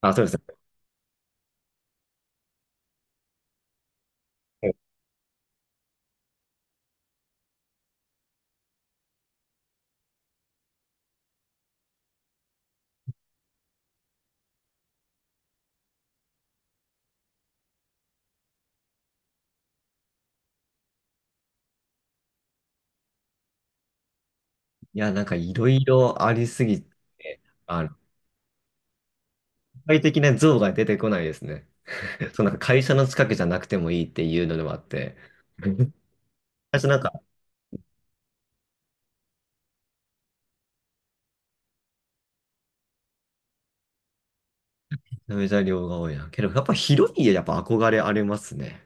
あ、そうですね。いや、なんかいろいろありすぎて、具体的な像が出てこないですね。そう、なんか会社の近くじゃなくてもいいっていうのでもあって。私なんか、めちゃめちゃ量が多いな。けど、やっぱ広い家やっぱ憧れありますね。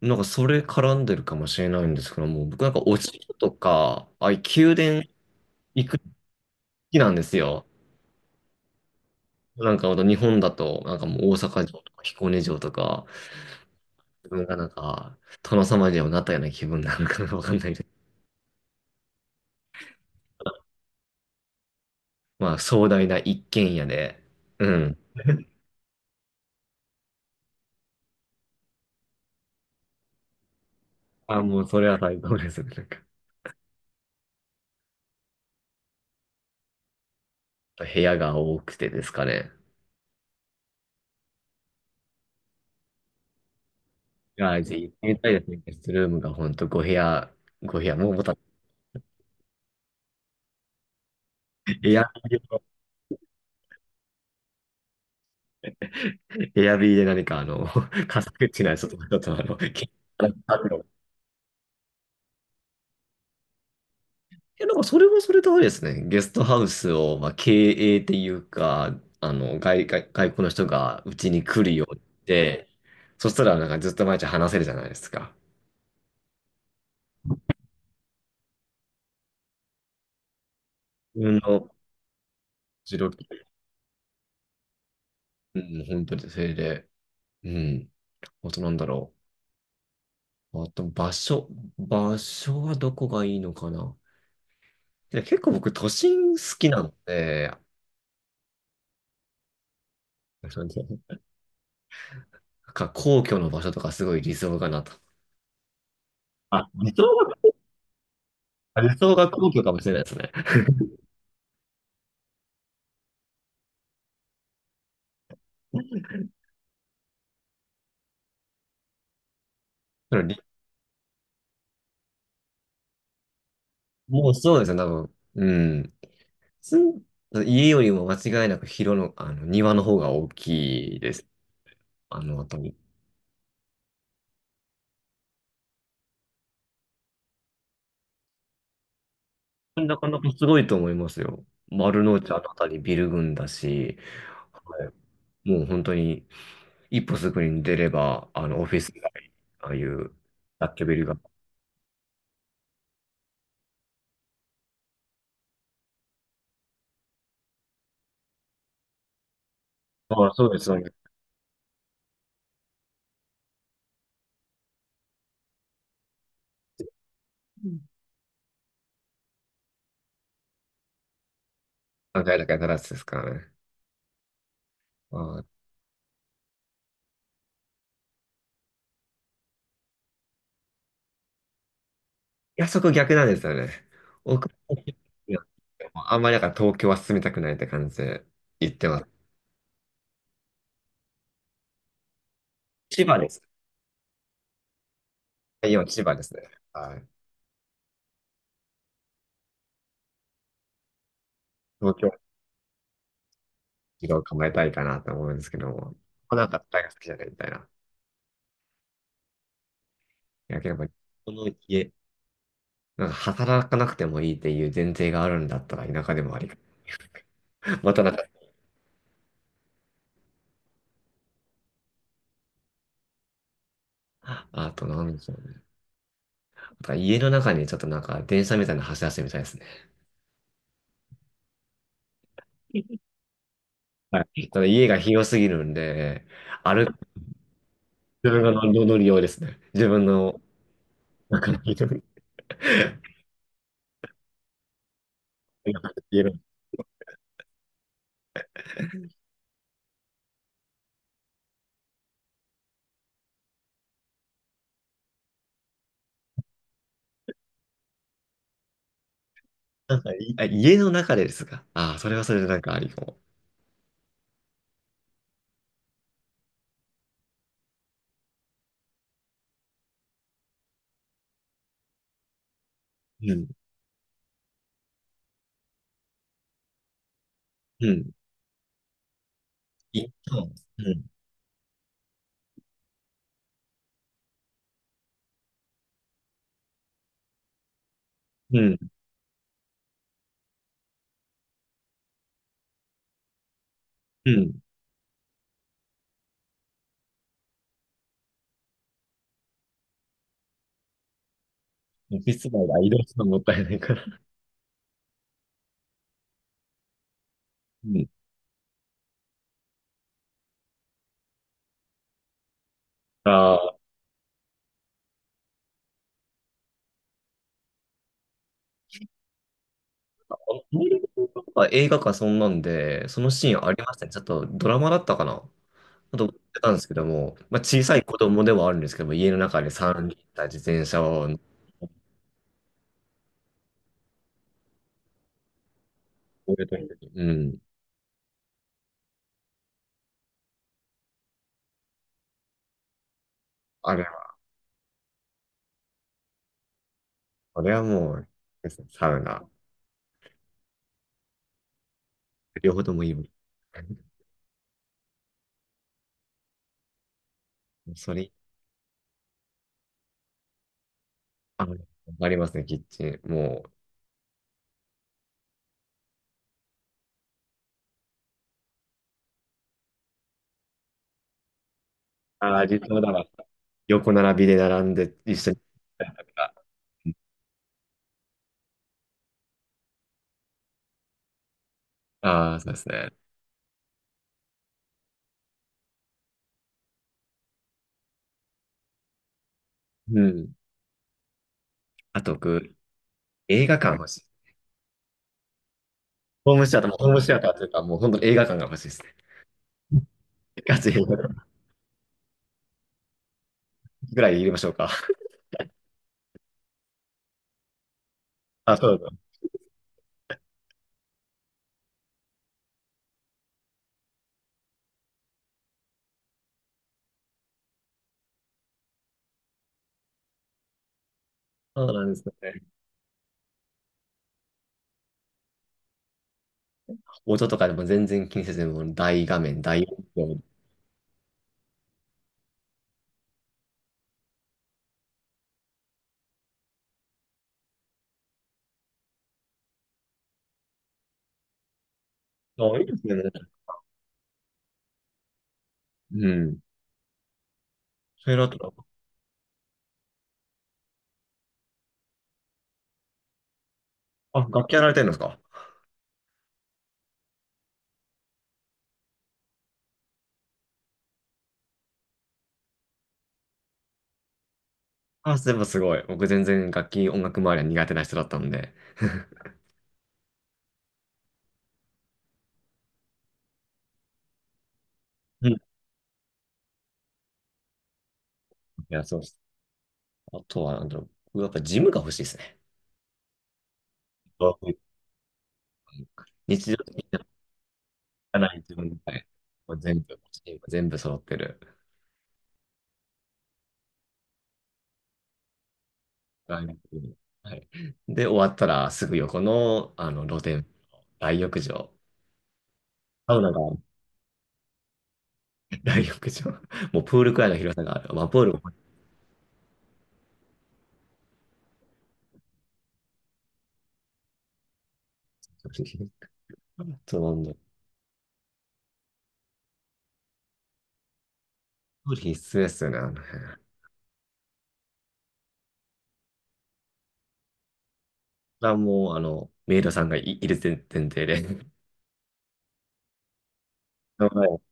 なんかそれ絡んでるかもしれないんですけども、僕なんかお城とか、ああいう宮殿行くの好きなんですよ。なんかほんと日本だと、なんかもう大阪城とか彦根城とか、自分がなんか殿様にでもなったような気分なのかなわかんないです。まあ、壮大な一軒家で、うん。あ、もうそれは最高ですね。なんか、部屋が多くてですかね。いや、ぜひ行ってみたいですね。ゲストルームが本当ご部屋、ご部屋、もうまた、エアビーで、エアビーで何かカサ口なやつとか、ちょっとあのいや、なんかそれもそれであれですね。ゲストハウスを、まあ、経営っていうか、あの、外国の人がうちに来るようにって、そしたらなんかずっと毎日話せるじゃないですか。自分の実力うん、本当にそれで、うん、あとなんだろう。あと場所、場所はどこがいいのかな。いや結構僕都心好きなので、そうですね。なんか皇居の場所とかすごい理想かなと。あ、理想が皇居かもしれないですね。そのりもうそうですね、多分。うん。すん家よりも間違いなく広の、あの、庭の方が大きいです。あの辺り。なかなかすごいと思いますよ。丸の内あの辺りビル群だし。もう本当に一歩すぐに出れば、あの、オフィス街、ああいう雑居ビルが。ああ、そうです、そうです。ん何階だからつですからね。ああ、いや、そこ逆なんですよね。奥いやあんまりだから東京は進みたくないって感じで言ってます。千葉です。今千葉ですね。はい。東京一度構えたいかなと思うんですけども、なんか大学好きじゃないみたいな。いや、やっぱり、この家、なんか働かなくてもいいっていう前提があるんだったら田舎でもあり。またなんかあと、なんでしょうね。あと家の中にちょっとなんか電車みたいなの走らせてみたいですね。はい。ただ家が広すぎるんで、歩く、自分が乗り用ですね。自分の中の家の、家の、なんかいあ家の中でですか。ああ、それはそれでなんかありかも。うん、うん、一旦、うん、うん、うん。オフィス街が移動するのもったいないから。うん。ああ、アメリングとか映画かそんなんで、そのシーンありましたね。ちょっとドラマだったかな。と思ってたんですけども、まあ、小さい子供ではあるんですけども、家の中で3人ッタた自転車を乗るときに、うん。あれは、これはもう、サウナ、両方ともいいわ。それ、あの、ありますね、キッチン。もう、ああ、実はだわ。横並びで並んで一緒に。ああ、そうですね。うん。あと、僕、映画館欲しい。ホームシアター、もうホームシアターというか、もう本当に映画館が欲しいですね。ガチ映画館ぐらい入れましょうか。あ、そうだ。そうなんですね。音とかでも全然気にせずに、もう大画面、大音量。あ、いいですね。うん。それだったら、あ、楽器やられてるんですか。あ、全部すごい。僕全然楽器、音楽周りは苦手な人だったんで。うん。いや、そうです。あとは、なんだろう。僕やっぱジムが欲しいですね。そういう日常的にやらない自分で、もう全部、全部揃ってる。大学にはい。で、終わったらすぐ横の、あの露天風呂、大浴場。サウナがある 大浴場。もうプールくらいの広さがある。まあ、プールも そうなんだ。必須ですよね、あの辺。それはもう、あの、メイドさんがい、いる前提で。はい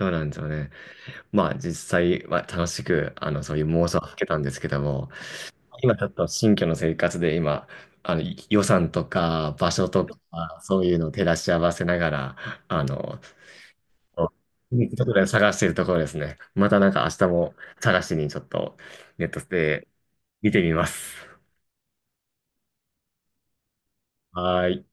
そうなんですよね。まあ、実際は楽しく、あの、そういう妄想をかけたんですけども、今ちょっと新居の生活で、今、あの、い予算とか、場所とか、そういうのを照らし合わせながら、あの、そうところで探しているところですね。またなんか明日も探しにちょっとネットで見てみます。はーい。